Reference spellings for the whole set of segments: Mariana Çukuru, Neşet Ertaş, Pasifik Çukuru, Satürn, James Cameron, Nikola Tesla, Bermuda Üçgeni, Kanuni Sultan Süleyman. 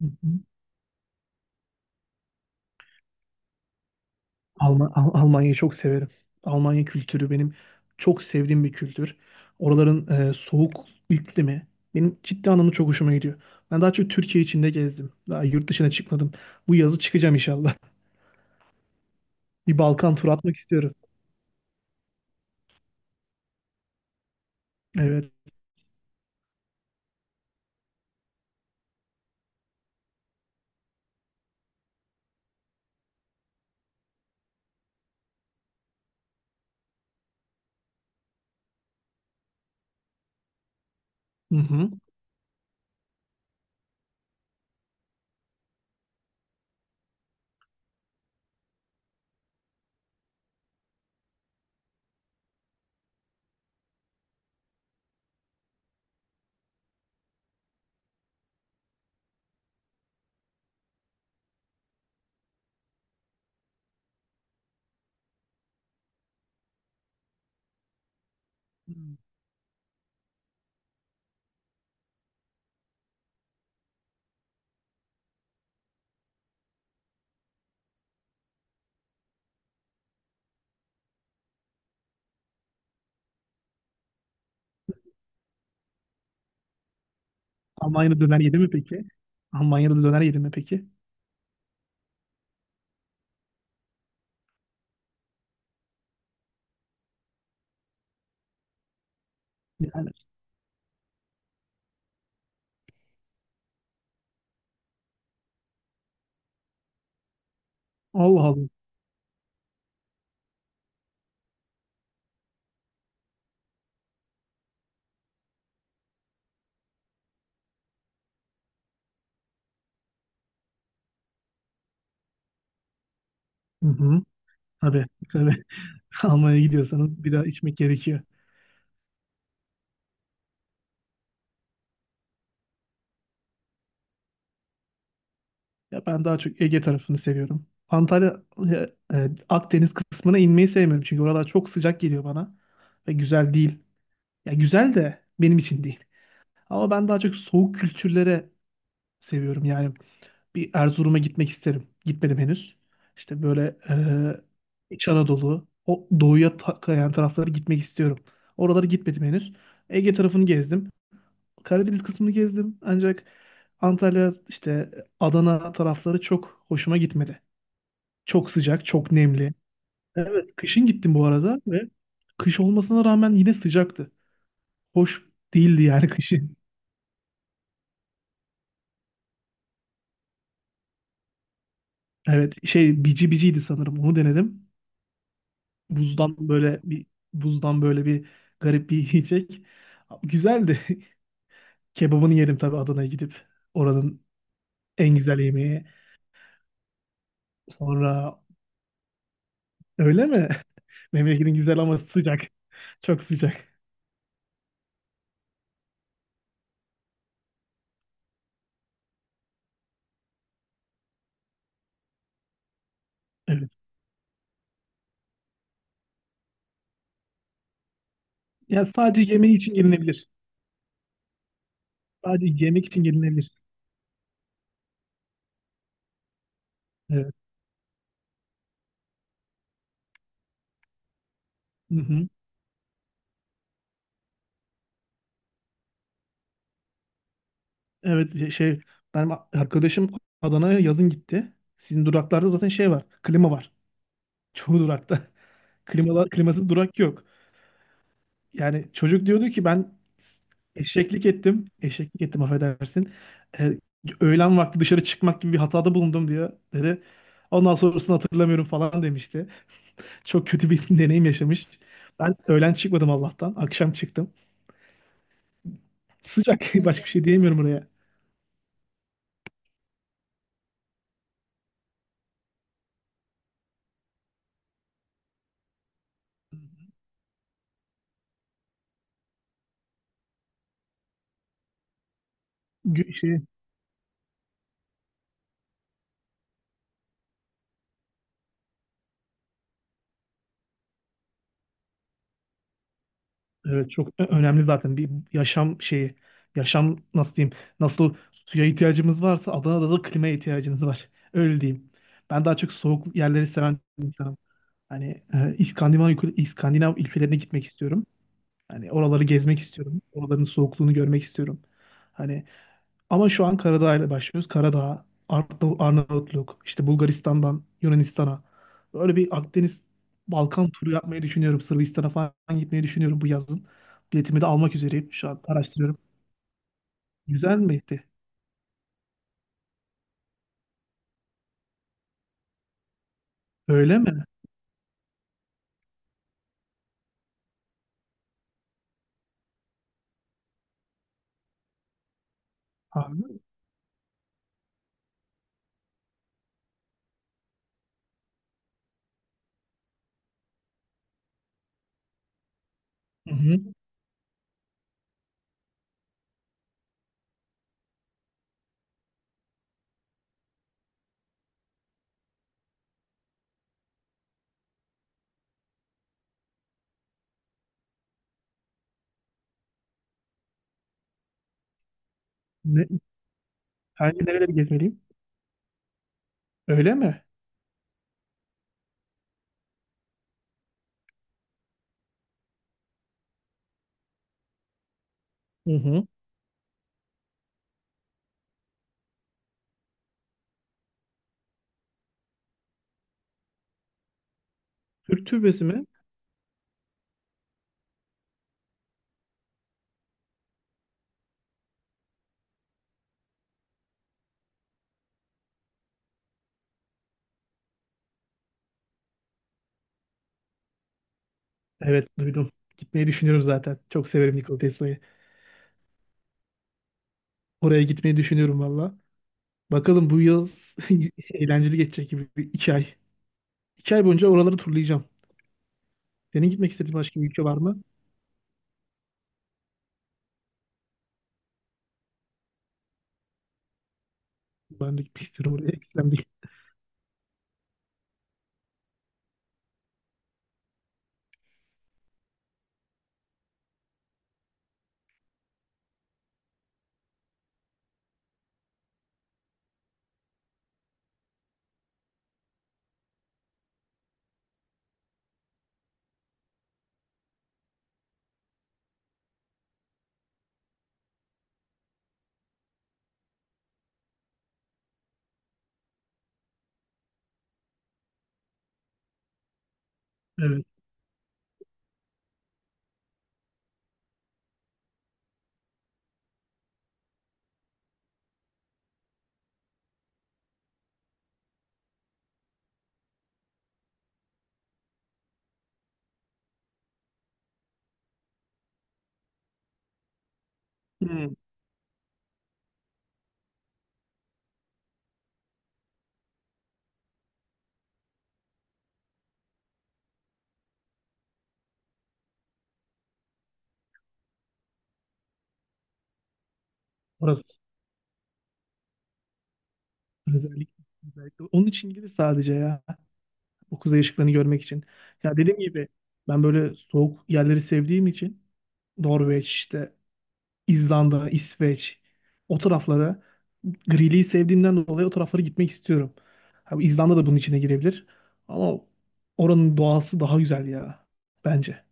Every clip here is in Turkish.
Hmm. Almanya'yı çok severim. Almanya kültürü benim çok sevdiğim bir kültür. Oraların soğuk iklimi benim ciddi anlamda çok hoşuma gidiyor. Ben daha çok Türkiye içinde gezdim. Daha yurt dışına çıkmadım. Bu yazı çıkacağım inşallah. Bir Balkan turu atmak istiyorum. Evet. Hı hı. Almanya'da döner yedi mi peki? Almanya'da döner yedi mi peki? Yani Allah Allah. Hı hı. Tabii tabii. Almanya'ya gidiyorsanız bir daha içmek gerekiyor. Ya ben daha çok Ege tarafını seviyorum. Antalya, e, Akdeniz kısmına inmeyi sevmiyorum. Çünkü oralar çok sıcak geliyor bana. Ve güzel değil. Ya güzel de benim için değil. Ama ben daha çok soğuk kültürlere seviyorum. Yani bir Erzurum'a gitmek isterim. Gitmedim henüz. İşte böyle İç Anadolu, o doğuya kayan taraflara gitmek istiyorum. Oralara gitmedim henüz. Ege tarafını gezdim. Karadeniz kısmını gezdim. Ancak Antalya, işte Adana tarafları çok hoşuma gitmedi. Çok sıcak, çok nemli. Evet, kışın gittim bu arada ve kış olmasına rağmen yine sıcaktı. Hoş değildi yani kışın. Evet, şey bici biciydi sanırım. Onu denedim. Buzdan böyle bir buzdan böyle bir garip bir yiyecek. Güzeldi. Kebabını yedim tabii Adana'ya gidip. Oranın en güzel yemeği. Sonra öyle mi? Memleketin güzel ama sıcak. Çok sıcak. Evet. Yani sadece yemeği için gelinebilir. Sadece yemek için gelinebilir. Evet. Hı hı. Evet benim arkadaşım Adana'ya yazın gitti. Sizin duraklarda zaten şey var. Klima var. Çoğu durakta. Klimalar, klimasız durak yok. Yani çocuk diyordu ki ben eşeklik ettim. Eşeklik ettim affedersin. Ee, Öğlen vakti dışarı çıkmak gibi bir hatada bulundum diye dedi. Ondan sonrasını hatırlamıyorum falan demişti. Çok kötü bir deneyim yaşamış. Ben öğlen çıkmadım Allah'tan. Akşam çıktım. Sıcak. Başka bir şey diyemiyorum oraya. Gü- Şey, Evet çok önemli zaten bir yaşam şeyi. Yaşam nasıl diyeyim? Nasıl suya ihtiyacımız varsa Adana'da da klimaya ihtiyacımız var. Öyle diyeyim. Ben daha çok soğuk yerleri seven bir insanım. Hani İskandinav, İskandinav ülkelerine gitmek istiyorum. Hani oraları gezmek istiyorum. Oraların soğukluğunu görmek istiyorum. Hani ama şu an Karadağ ile başlıyoruz. Karadağ, Arnavutluk, işte Bulgaristan'dan Yunanistan'a. Böyle bir Akdeniz Balkan turu yapmayı düşünüyorum. Sırbistan'a falan gitmeyi düşünüyorum bu yazın. Biletimi de almak üzereyim. Şu an araştırıyorum. Güzel miydi? Öyle mi? Abi. Hı hı. Ne, sence nereleri gezmeliyim? Öyle mi? Hı hı. Türk türbesi mi? Evet duydum. Gitmeyi düşünüyorum zaten. Çok severim Nikola Tesla'yı. Oraya gitmeyi düşünüyorum valla. Bakalım bu yıl eğlenceli geçecek gibi bir iki ay. İki ay boyunca oraları turlayacağım. Senin gitmek istediğin başka bir ülke var mı? Ben de gitmek istiyorum oraya. Ekstrem değil. Evet. Hmm. Orası. Özellikle, özellikle. Onun için gidip sadece ya. O kuzey ışıklarını görmek için. Ya dediğim gibi ben böyle soğuk yerleri sevdiğim için Norveç işte İzlanda, İsveç o taraflara griliği sevdiğimden dolayı o taraflara gitmek istiyorum. Ha, İzlanda da bunun içine girebilir. Ama oranın doğası daha güzel ya bence.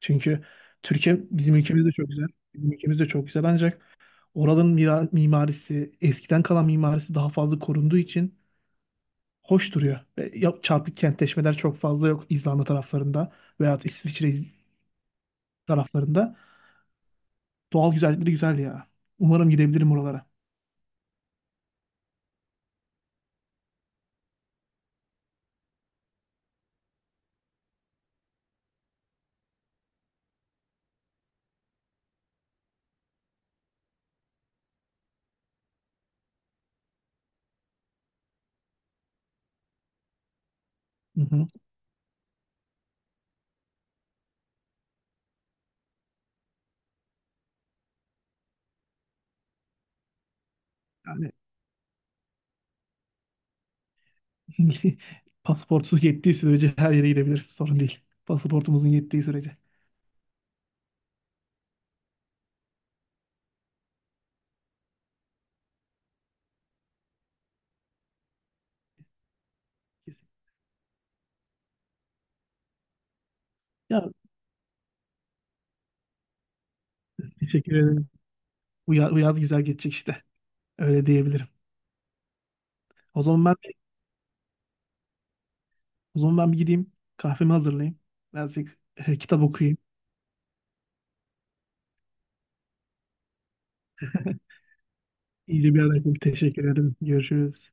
Çünkü Türkiye bizim ülkemiz de çok güzel. Bizim ülkemiz de çok güzel ancak oranın mimarisi, eskiden kalan mimarisi daha fazla korunduğu için hoş duruyor. Ve çarpık kentleşmeler çok fazla yok İzlanda taraflarında veya İsviçre taraflarında. Doğal güzellikleri güzel ya. Umarım gidebilirim oralara. Hı hı. Yani pasaportunuz yettiği sürece her yere gidebilir. Sorun değil. Pasaportumuzun yettiği sürece. Ya teşekkür ederim. Bu yaz güzel geçecek işte. Öyle diyebilirim. O zaman ben O zaman ben bir gideyim. Kahvemi hazırlayayım. Birazcık kitap okuyayım. İyice bir arayayım. Teşekkür ederim. Görüşürüz.